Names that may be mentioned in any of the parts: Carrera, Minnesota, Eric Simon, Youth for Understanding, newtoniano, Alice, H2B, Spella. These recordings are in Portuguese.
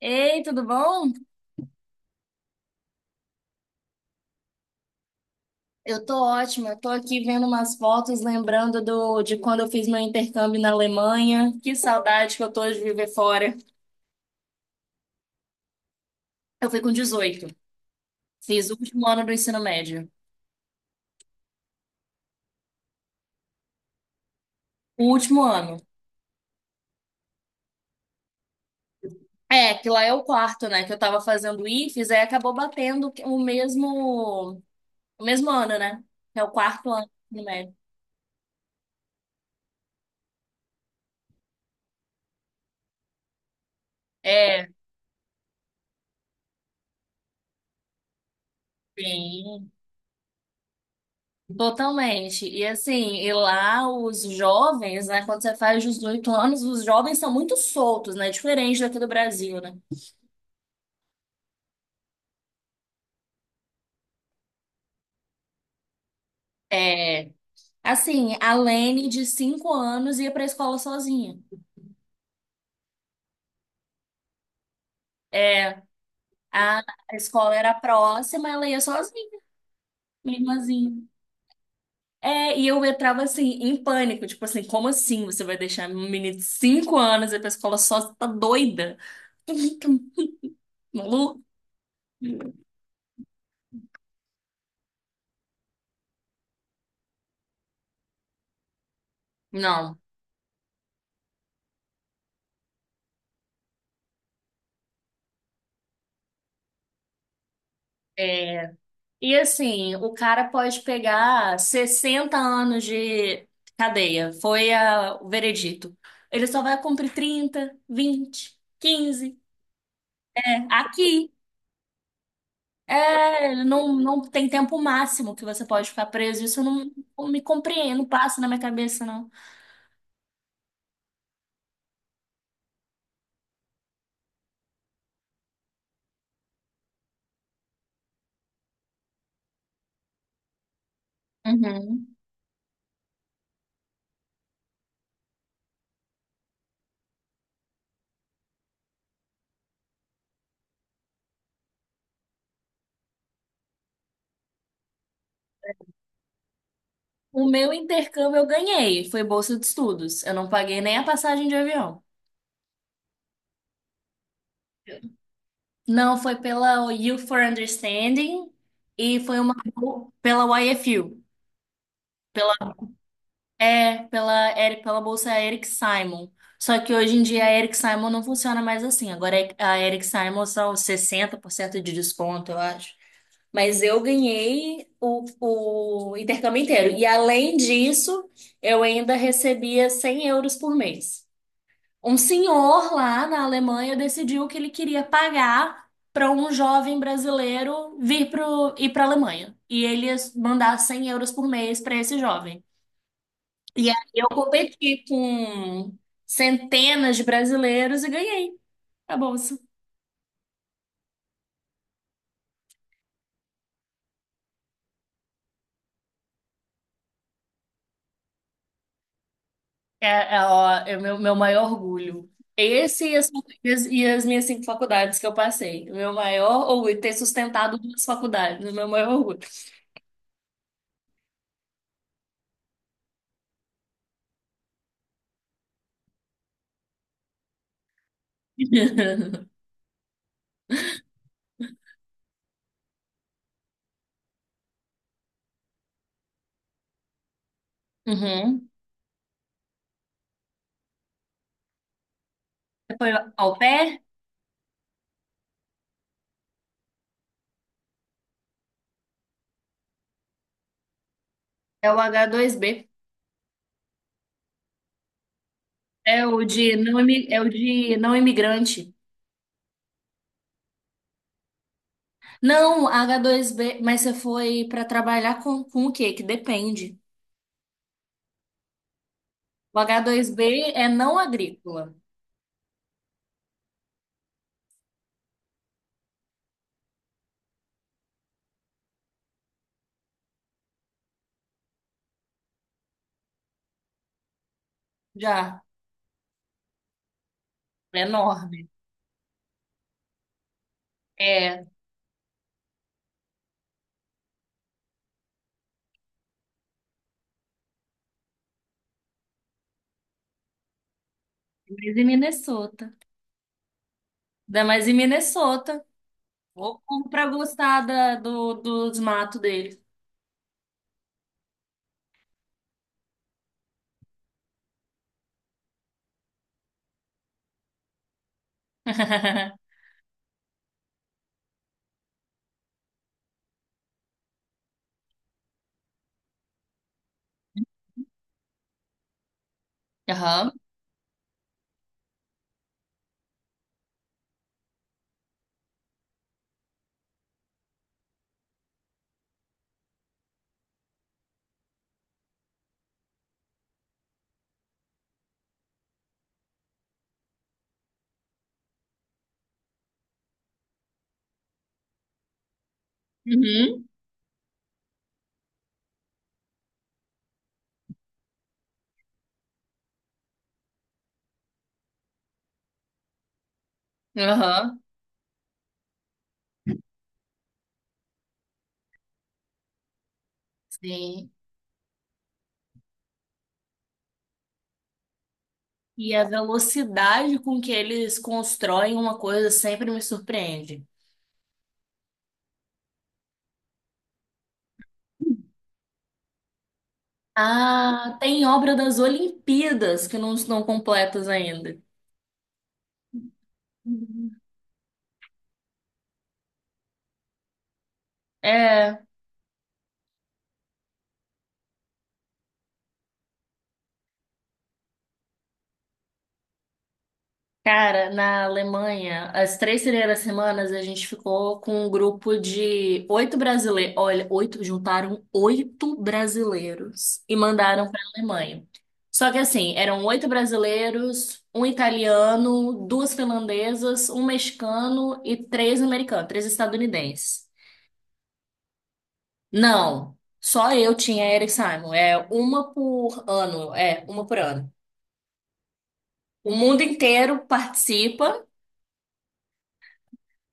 Ei, tudo bom? Eu tô ótima. Eu tô aqui vendo umas fotos, lembrando de quando eu fiz meu intercâmbio na Alemanha. Que saudade que eu tô de viver fora. Eu fui com 18. Fiz o último ano do ensino médio. O último ano. É, que lá é o quarto, né? Que eu tava fazendo o IFES, aí acabou batendo o mesmo ano, né? É o quarto ano do ensino médio. É, bem. Totalmente. E assim, e lá os jovens, né, quando você faz 18 anos, os jovens são muito soltos, né? Diferente daqui do Brasil, né? É, assim, a Lene de 5 anos ia pra escola sozinha. É, a, a escola era próxima, ela ia sozinha, minha irmãzinha. É, e eu entrava assim em pânico, tipo assim, como assim você vai deixar um menino de 5 anos ir pra escola sozinha? Tá doida? Maluco? Não, é, e assim, o cara pode pegar 60 anos de cadeia, foi o veredito. Ele só vai cumprir 30, 20, 15 é, aqui. É, não, não tem tempo máximo que você pode ficar preso. Isso não, não me compreendo, não passa na minha cabeça, não. Uhum. O meu intercâmbio eu ganhei, foi bolsa de estudos. Eu não paguei nem a passagem de avião. Não, foi pela Youth for Understanding e foi uma pela YFU. É, pela, Eric, pela bolsa Eric Simon. Só que hoje em dia a Eric Simon não funciona mais assim. A Eric Simon são 60% de desconto, eu acho. Mas eu ganhei o intercâmbio inteiro. E além disso, eu ainda recebia 100 euros por mês. Um senhor lá na Alemanha decidiu que ele queria pagar para um jovem brasileiro vir ir para a Alemanha. E ele ia mandar 100 euros por mês para esse jovem. E aí eu competi com centenas de brasileiros e ganhei a bolsa. É, ó, é o meu, meu maior orgulho. Esse e as, e as minhas 5 faculdades que eu passei. O meu maior orgulho, ter sustentado 2 faculdades, o meu maior orgulho. Uhum. Foi au pair? É o H2B. É o de não, é o de não imigrante. Não, H2B, mas você foi para trabalhar com o quê? Que depende. O H2B é não agrícola. Já, é enorme. É, mas em Minnesota. Ainda mais em Minnesota. Ou pra gostar dos matos dele. Aham. Uhum. Aham. Sim. E a velocidade com que eles constroem uma coisa sempre me surpreende. Ah, tem obra das Olimpíadas que não estão completas ainda. Uhum. É. Cara, na Alemanha, as 3 primeiras semanas a gente ficou com um grupo de 8 brasileiros. Olha, oito, juntaram 8 brasileiros e mandaram para a Alemanha. Só que assim, eram 8 brasileiros, um italiano, duas finlandesas, um mexicano e 3 americanos, três estadunidenses. Não, só eu tinha Eric Simon. É uma por ano. O mundo inteiro participa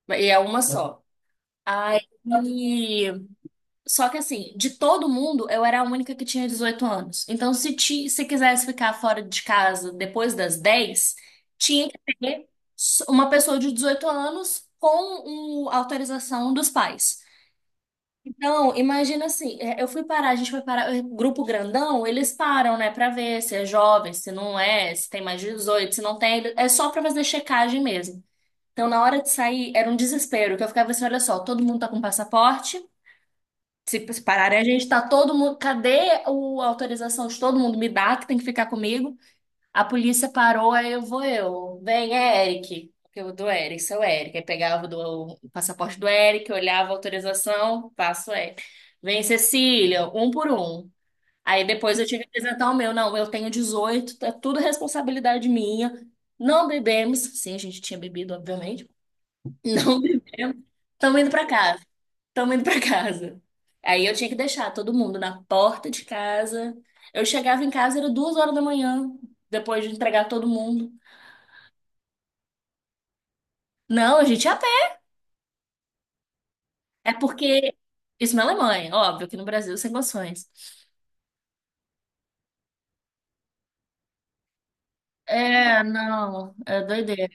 e é uma só. Aí, só que assim, de todo mundo, eu era a única que tinha 18 anos. Então, se quisesse ficar fora de casa depois das 10 tinha que ter uma pessoa de 18 anos com autorização dos pais. Então, imagina assim, é, eu fui parar, a gente foi parar, é, grupo grandão, eles param, né, pra ver se é jovem, se não é, se tem mais de 18 se não tem, é só pra fazer checagem mesmo. Então, na hora de sair, era um desespero, que eu ficava assim, olha só, todo mundo tá com passaporte, se se pararem, a gente tá todo mundo. Cadê a autorização de todo mundo? Me dá, que tem que ficar comigo. A polícia parou, aí eu vou eu. Vem, é Eric. Porque eu do Eric, sou Eric. Aí pegava o passaporte do Eric, olhava a autorização, passo o Eric. Vem, Cecília, um por um. Aí depois eu tive que apresentar o meu. Não, eu tenho 18, é tudo responsabilidade minha. Não bebemos. Sim, a gente tinha bebido, obviamente. Não bebemos. Estamos indo para casa. Estamos indo para casa. Aí eu tinha que deixar todo mundo na porta de casa. Eu chegava em casa, era 2 horas da manhã, depois de entregar todo mundo. Não, a gente ia a pé. É porque isso na Alemanha, óbvio, que no Brasil sem condições. É, não, é doideira.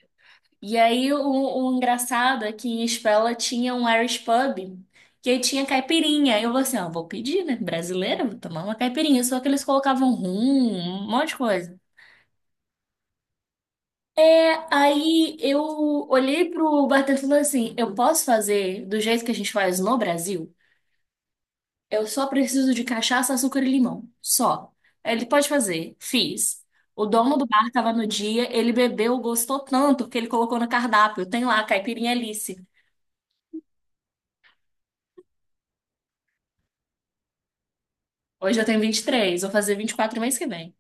E aí o engraçado é que em Spella tinha um Irish pub que aí tinha caipirinha. Aí eu falei assim, ó, vou pedir, né? Brasileira, vou tomar uma caipirinha. Só que eles colocavam rum, um monte de coisa. É, aí eu olhei pro bartender e falei assim: eu posso fazer do jeito que a gente faz no Brasil? Eu só preciso de cachaça, açúcar e limão. Só. Ele pode fazer. Fiz. O dono do bar tava no dia, ele bebeu, gostou tanto que ele colocou no cardápio. Tem lá, caipirinha Alice. Hoje eu tenho 23. Vou fazer 24 mês que vem.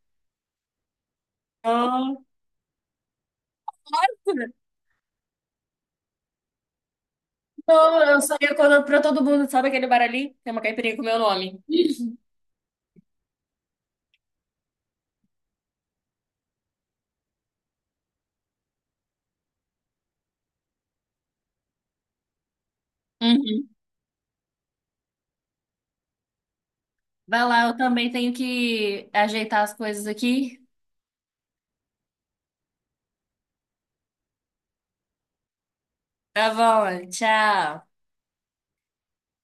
Ah. Não, eu só ia quando pra todo mundo, sabe aquele bar ali? Tem uma caipirinha com meu nome. Uhum. Vai lá, eu também tenho que ajeitar as coisas aqui. Tá bom, tchau.